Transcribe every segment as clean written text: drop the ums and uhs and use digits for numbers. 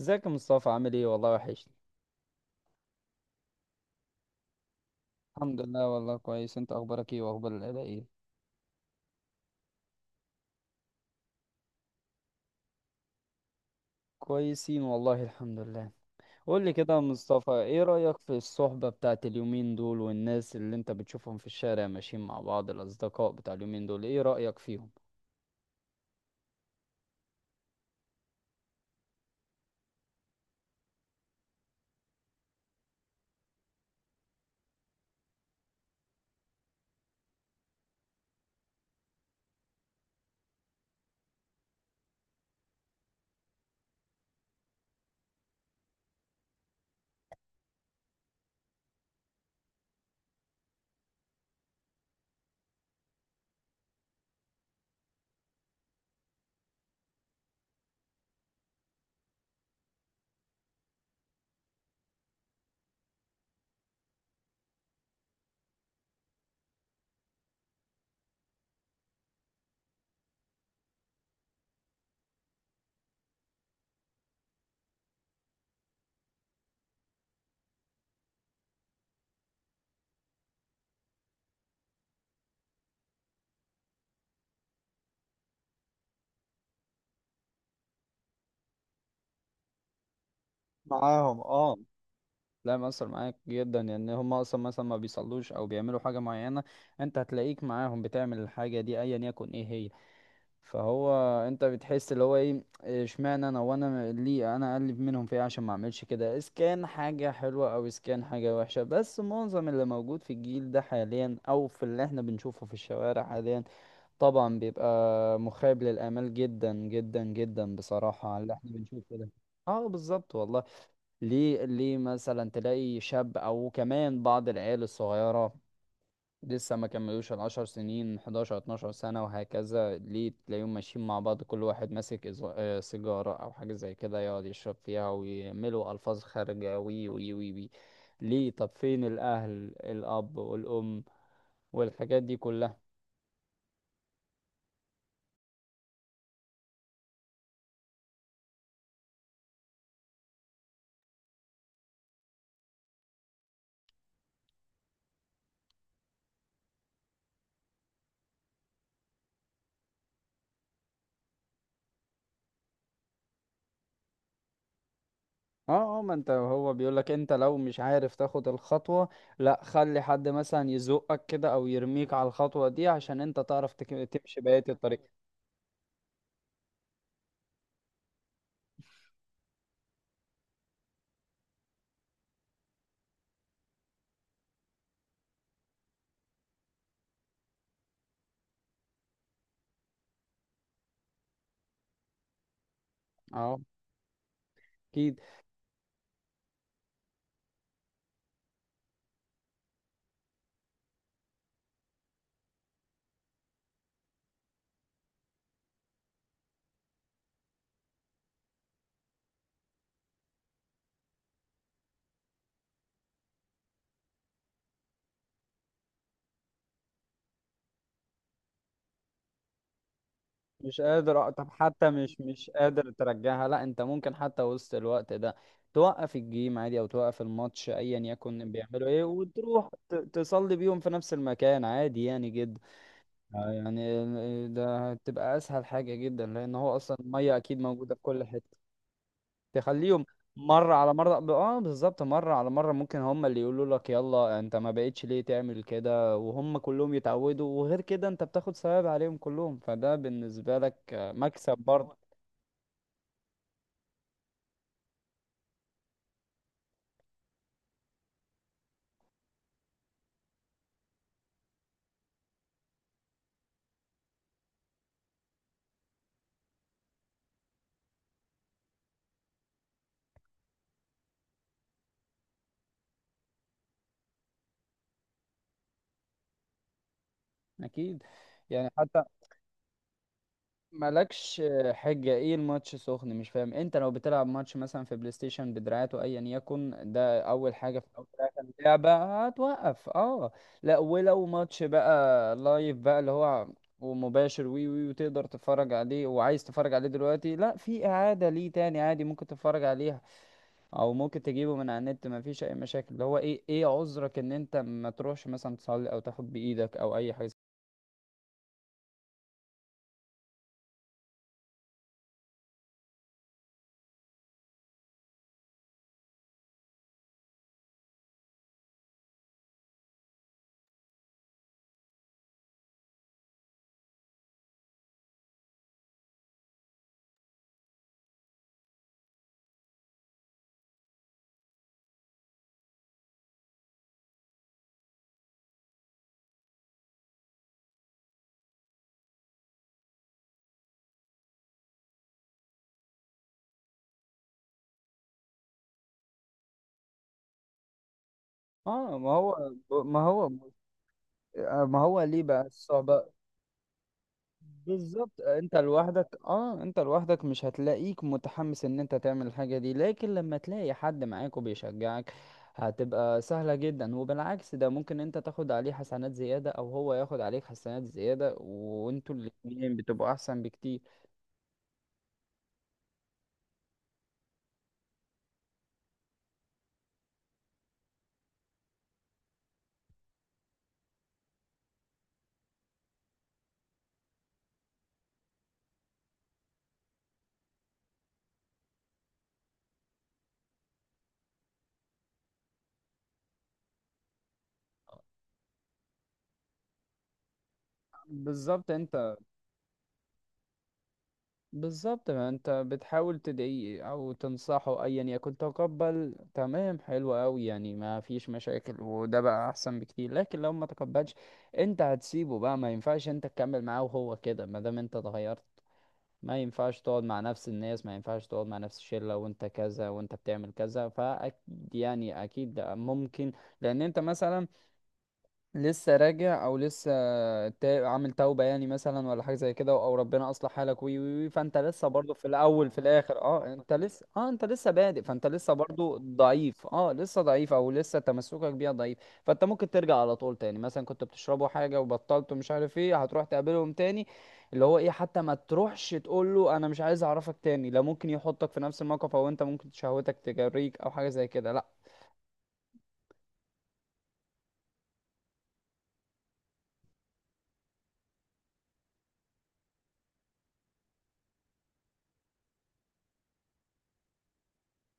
ازيك يا مصطفى، عامل ايه؟ والله وحشني. الحمد لله والله كويس. انت اخبارك ايه، واخبار العيله ايه؟ كويسين والله الحمد لله. قول لي كده يا مصطفى، ايه رأيك في الصحبة بتاعت اليومين دول، والناس اللي انت بتشوفهم في الشارع ماشيين مع بعض، الاصدقاء بتاع اليومين دول، ايه رأيك فيهم؟ معاهم، اه. لا مأثر معاك جدا، لان هم اصلا مثلا ما بيصلوش او بيعملوا حاجة معينة. انت هتلاقيك معاهم بتعمل الحاجة دي ايا يكن ايه هي. فهو، انت بتحس اللي هو ايه، اشمعنى انا، وانا ليه انا اقلب منهم في ايه عشان ما اعملش كده؟ اذا كان حاجه حلوه، او اذا كان حاجه وحشه. بس معظم اللي موجود في الجيل ده حاليا، او في اللي احنا بنشوفه في الشوارع حاليا، طبعا بيبقى مخيب للامال جدا جدا جدا بصراحه على اللي احنا بنشوفه ده. اه بالظبط والله. ليه؟ ليه مثلا تلاقي شاب، او كمان بعض العيال الصغيره لسه ما كملوش 10 سنين، 11، 12 سنة وهكذا، ليه تلاقيهم ماشيين مع بعض، كل واحد ماسك سيجارة أو حاجة زي كده، يقعد يشرب فيها، ويعملوا ألفاظ خارجة وي وي وي وي؟ ليه؟ طب فين الأهل؟ الأب والأم والحاجات دي كلها؟ اه، اه. ما انت هو بيقولك انت لو مش عارف تاخد الخطوة، لا، خلي حد مثلا يزقك كده او يرميك على الخطوة دي، عشان انت تعرف تمشي بقية الطريق. اه. اكيد. مش قادر أ- طب حتى مش مش قادر ترجعها. لا، انت ممكن حتى وسط الوقت ده توقف الجيم عادي، او توقف الماتش ايا يكن بيعملوا ايه، وتروح تصلي بيهم في نفس المكان عادي يعني جدا. آه، يعني ده هتبقى اسهل حاجة جدا، لان هو اصلا المية اكيد موجودة في كل حتة. تخليهم مرة على مرة، اه بالظبط. مرة على مرة ممكن هم اللي يقولوا لك يلا، انت ما بقتش ليه تعمل كده، وهم كلهم يتعودوا. وغير كده انت بتاخد ثواب عليهم كلهم، فده بالنسبة لك آه، مكسب برضه. اكيد. يعني حتى مالكش حجة، ايه الماتش سخن مش فاهم. انت لو بتلعب ماتش مثلا في بلاي ستيشن بدراعاته ايا يكن، ده اول حاجة في اول ثلاثة اللعبة هتوقف، اه. لا، ولو ماتش بقى لايف بقى، اللي هو ومباشر وي وي، وتقدر تتفرج عليه، وعايز تتفرج عليه دلوقتي، لا، في اعادة ليه تاني عادي ممكن تتفرج عليها. او ممكن تجيبه من على النت، مفيش اي مشاكل. اللي هو ايه ايه عذرك ان انت ما تروحش مثلا تصلي او تاخد بايدك او اي حاجة؟ اه. ما هو آه، ما هو ليه بقى الصعوبة؟ بالظبط. انت لوحدك، اه، انت لوحدك مش هتلاقيك متحمس ان انت تعمل الحاجة دي، لكن لما تلاقي حد معاك وبيشجعك، هتبقى سهلة جدا. وبالعكس، ده ممكن انت تاخد عليه حسنات زيادة او هو ياخد عليك حسنات زيادة، وانتوا الاتنين بتبقوا احسن بكتير. بالظبط. انت بالظبط، ما انت بتحاول تدعيه او تنصحه ايا يكن، تقبل، تمام، حلو قوي يعني، ما فيش مشاكل، وده بقى احسن بكتير. لكن لو ما تقبلش، انت هتسيبه بقى، ما ينفعش انت تكمل معاه وهو كده. ما دام انت اتغيرت، ما ينفعش تقعد مع نفس الناس، ما ينفعش تقعد مع نفس الشلة وانت كذا وانت بتعمل كذا. فاكيد يعني، اكيد ممكن، لان انت مثلا لسه راجع، او لسه عامل توبة يعني مثلا، ولا حاجة زي كده، او ربنا اصلح حالك وي وي وي. فانت لسه برضو في الاول في الاخر، اه انت لسه، اه انت لسه بادئ، فانت لسه برضو ضعيف، اه لسه ضعيف، او لسه تمسكك بيها ضعيف. فانت ممكن ترجع على طول تاني، مثلا كنت بتشربه حاجة وبطلته مش عارف ايه، هتروح تقابلهم تاني. اللي هو ايه حتى ما تروحش تقول له انا مش عايز اعرفك تاني، لا، ممكن يحطك في نفس الموقف، او انت ممكن شهوتك تجريك او حاجة زي كده، لا.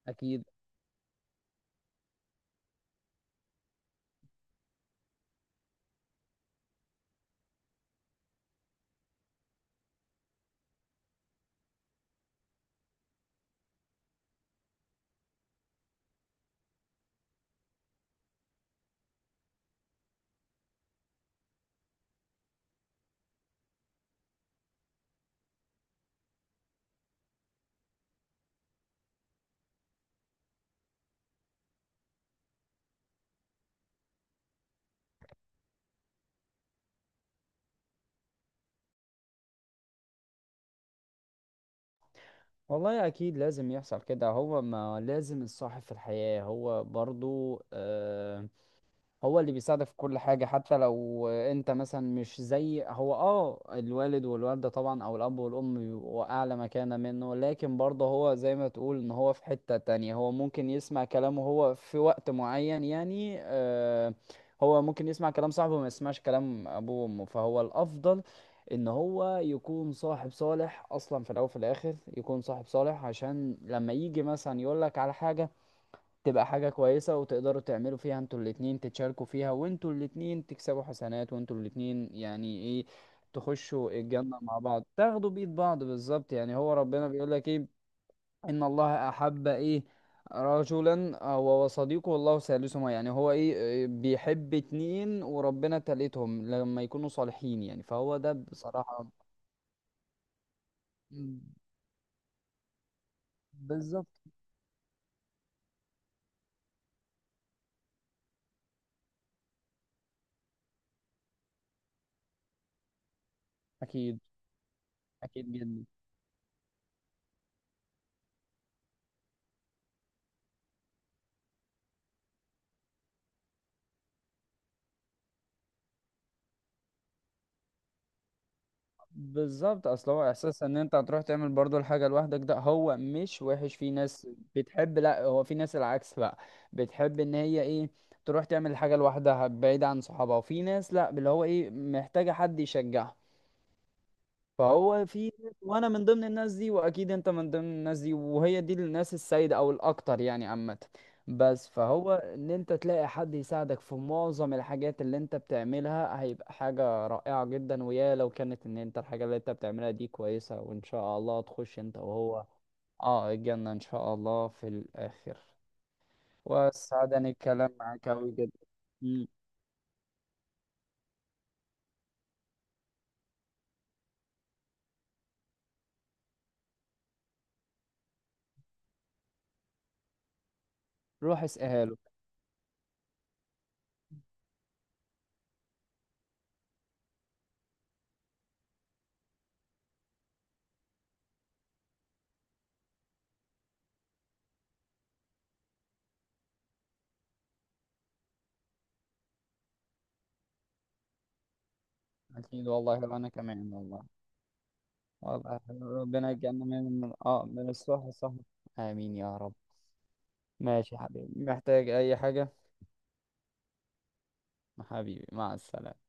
اكيد والله. اكيد لازم يحصل كده، هو ما لازم الصاحب في الحياة هو برضو آه، هو اللي بيساعدك في كل حاجة. حتى لو انت مثلا مش زي هو، اه الوالد والوالدة طبعا او الاب والام بيبقوا اعلى مكانة منه، لكن برضه هو زي ما تقول ان هو في حتة تانية، هو ممكن يسمع كلامه هو في وقت معين يعني آه، هو ممكن يسمع كلام صاحبه وما يسمعش كلام ابوه وامه. فهو الافضل ان هو يكون صاحب صالح اصلا، في الاول وفي الاخر يكون صاحب صالح، عشان لما يجي مثلا يقولك على حاجة، تبقى حاجة كويسة، وتقدروا تعملوا فيها انتوا الاتنين، تتشاركوا فيها، وانتوا الاتنين تكسبوا حسنات، وانتوا الاتنين يعني ايه، تخشوا الجنة مع بعض، تاخدوا بإيد بعض، بالظبط. يعني هو ربنا بيقول لك ايه، ان الله احب ايه، رجلا هو وصديقه والله ثالثهما، يعني هو ايه إيه، بيحب اتنين وربنا تالتهم لما يكونوا صالحين يعني. فهو ده بصراحة. مم. بالظبط. اكيد اكيد جدا. بالظبط. اصل هو احساس ان انت هتروح تعمل برضو الحاجه لوحدك ده، هو مش وحش، في ناس بتحب. لا، هو في ناس العكس بقى، بتحب ان هي ايه تروح تعمل الحاجه لوحدها بعيد عن صحابها. وفي ناس لا، اللي هو ايه، محتاجه حد يشجعها. فهو في وانا من ضمن الناس دي، واكيد انت من ضمن الناس دي، وهي دي الناس السيدة او الاكتر يعني عامة. بس فهو ان انت تلاقي حد يساعدك في معظم الحاجات اللي انت بتعملها، هيبقى حاجة رائعة جدا. ويا لو كانت ان انت الحاجة اللي انت بتعملها دي كويسة، وان شاء الله تخش انت وهو اه الجنة ان شاء الله في الاخر. وسعدني الكلام معاك اوي جدا. مم. روح اسأله. اكيد والله، وانا كمان والله. والله ربنا يجعلنا من من الصح. امين يا رب. ماشي يا حبيبي، محتاج اي حاجة؟ حبيبي مع السلامة.